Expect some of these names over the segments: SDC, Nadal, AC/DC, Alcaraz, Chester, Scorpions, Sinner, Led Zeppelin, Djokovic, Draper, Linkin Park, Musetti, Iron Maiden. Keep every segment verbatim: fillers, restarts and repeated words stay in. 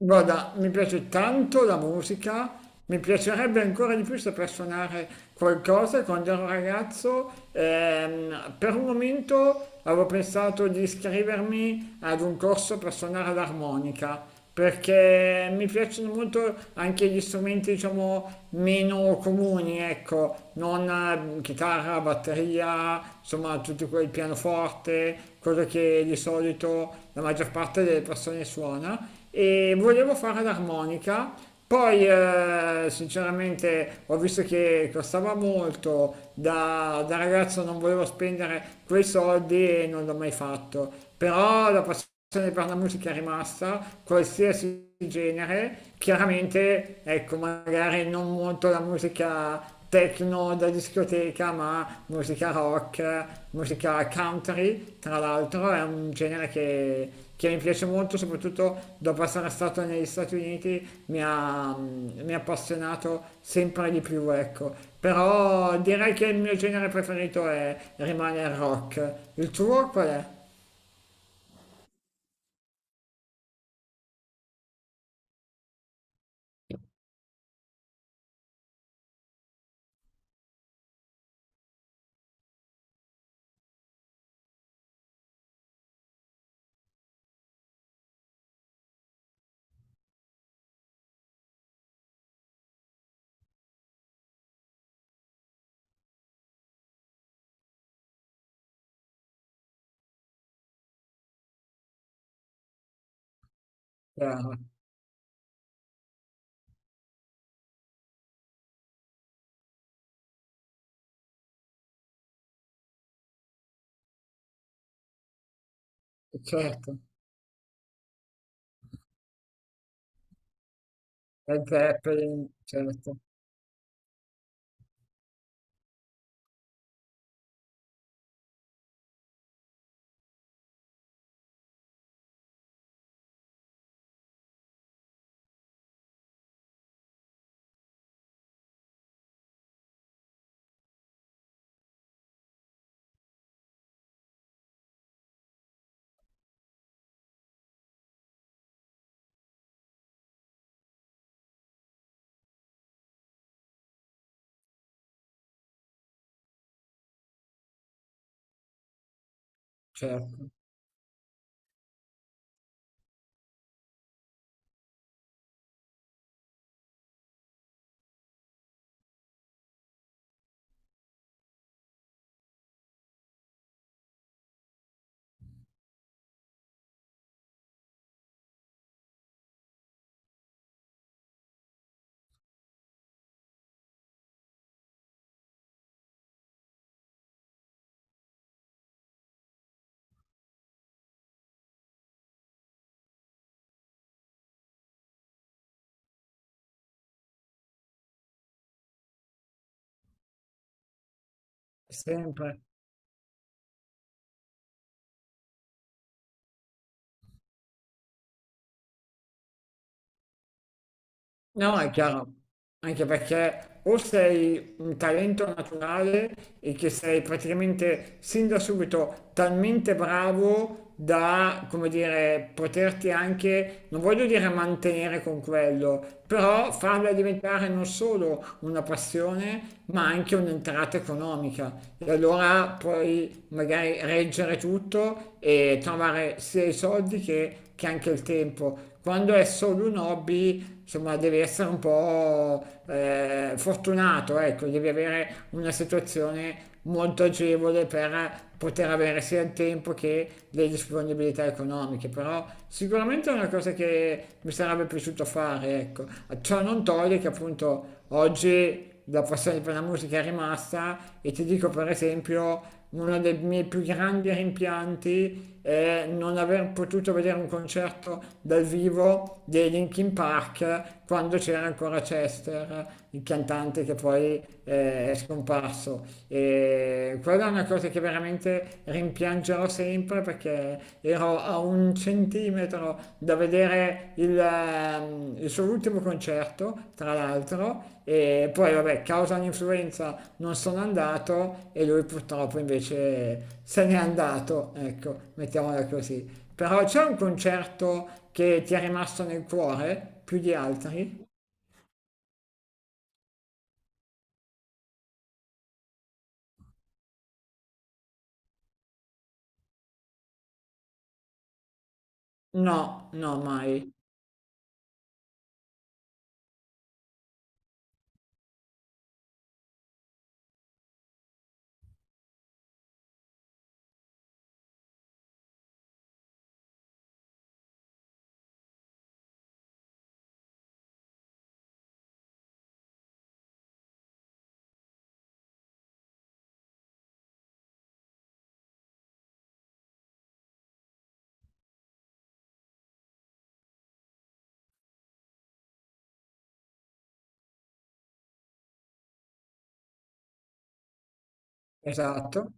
Guarda, mi piace tanto la musica, mi piacerebbe ancora di più saper suonare qualcosa. Quando ero ragazzo, ehm, per un momento avevo pensato di iscrivermi ad un corso per suonare l'armonica, perché mi piacciono molto anche gli strumenti, diciamo, meno comuni, ecco, non eh, chitarra, batteria, insomma, tutti quel pianoforte, quello che di solito la maggior parte delle persone suona e volevo fare l'armonica. Poi, eh, sinceramente, ho visto che costava molto, da, da ragazzo non volevo spendere quei soldi e non l'ho mai fatto. Però la passione per la musica è rimasta, qualsiasi genere, chiaramente ecco magari non molto la musica techno da discoteca, ma musica rock, musica country, tra l'altro è un genere che, che mi piace molto, soprattutto dopo essere stato negli Stati Uniti mi ha, mi ha appassionato sempre di più, ecco. Però direi che il mio genere preferito è, rimane il rock. Il tuo qual è? Chiaro. Certo. Led Zeppelin, certo. Certo. Sempre. No, è chiaro, anche perché o sei un talento naturale e che sei praticamente sin da subito talmente bravo da, come dire, poterti anche, non voglio dire mantenere con quello, però farla diventare non solo una passione, ma anche un'entrata economica. E allora puoi magari reggere tutto e trovare sia i soldi che che anche il tempo. Quando è solo un hobby insomma, devi essere un po' eh, fortunato, ecco, devi avere una situazione molto agevole per poter avere sia il tempo che le disponibilità economiche, però sicuramente è una cosa che mi sarebbe piaciuto fare, ecco. Ciò non toglie che appunto oggi la passione per la musica è rimasta e ti dico per esempio uno dei miei più grandi rimpianti è non aver potuto vedere un concerto dal vivo dei Linkin Park quando c'era ancora Chester, il cantante che poi eh, è scomparso. E quella è una cosa che veramente rimpiangerò sempre perché ero a un centimetro da vedere il, ehm, il suo ultimo concerto, tra l'altro, e poi vabbè, causa un'influenza non sono andato e lui purtroppo invece se n'è andato, ecco, mettiamola così. Però c'è un concerto che ti è rimasto nel cuore più di altri? No, no, mai. Esatto.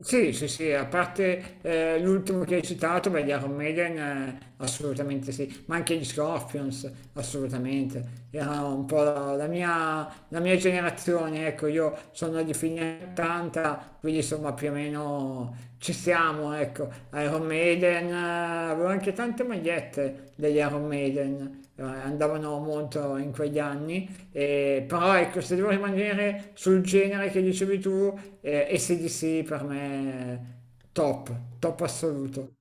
Sì, sì, sì, a parte eh, l'ultimo che hai citato, beh, gli Iron Maiden, eh, assolutamente sì, ma anche gli Scorpions, assolutamente. Era un po' la, la mia, la mia generazione, ecco, io sono di fine ottanta, quindi insomma più o meno ci siamo, ecco. Iron Maiden, eh, avevo anche tante magliette degli Iron Maiden, eh, andavano molto in quegli anni eh, però ecco, se devo rimanere sul genere che dicevi tu, eh, A C/D C per me è top, top assoluto.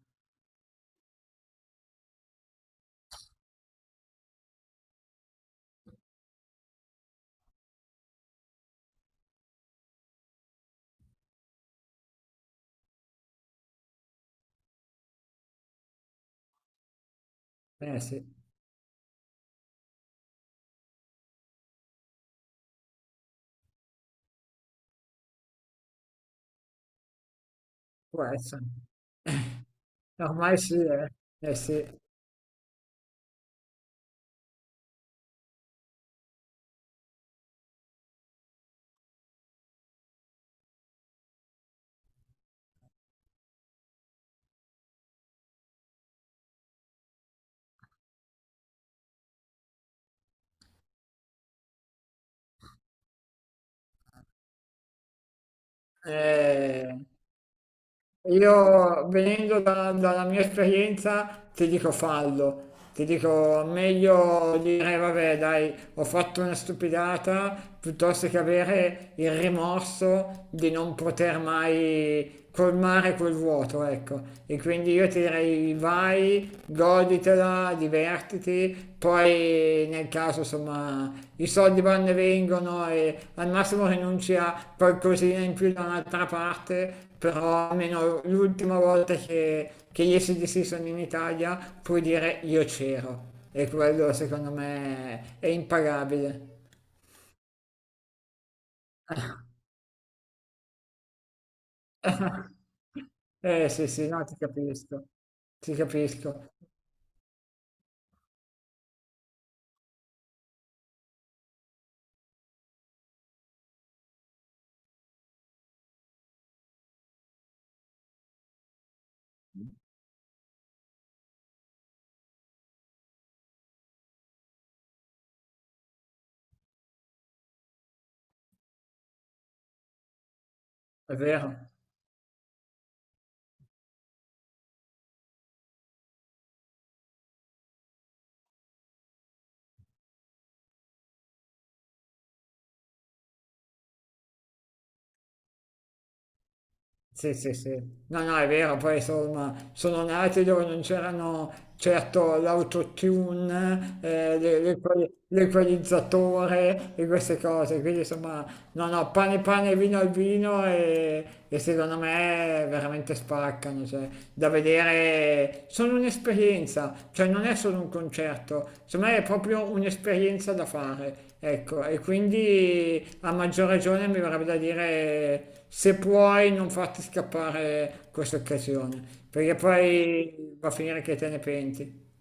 Eh sì, può essere. Ormai sì, eh. Eh sì. Eh, io venendo da- dalla mia esperienza ti dico fallo, ti dico meglio dire vabbè dai ho fatto una stupidata piuttosto che avere il rimorso di non poter mai colmare quel vuoto, ecco. E quindi io ti direi vai goditela, divertiti, poi nel caso insomma i soldi vanno e vengono e al massimo rinunci a qualcosina in più da un'altra parte, però almeno l'ultima volta che, che gli S D C sono in Italia puoi dire io c'ero e quello secondo me è impagabile. Eh sì sì, no ti capisco, ti capisco, è vero. Sì, sì, sì. No, no, è vero, poi insomma, sono nati dove non c'erano certo l'autotune, eh, l'e- l'equali- l'equalizzatore e queste cose, quindi insomma, no, no, pane pane, vino al vino e, e secondo me veramente spaccano, cioè, da vedere, sono un'esperienza, cioè non è solo un concerto, secondo me è proprio un'esperienza da fare. Ecco, e quindi a maggior ragione mi verrebbe da dire se puoi non farti scappare questa occasione, perché poi va a finire che te ne penti.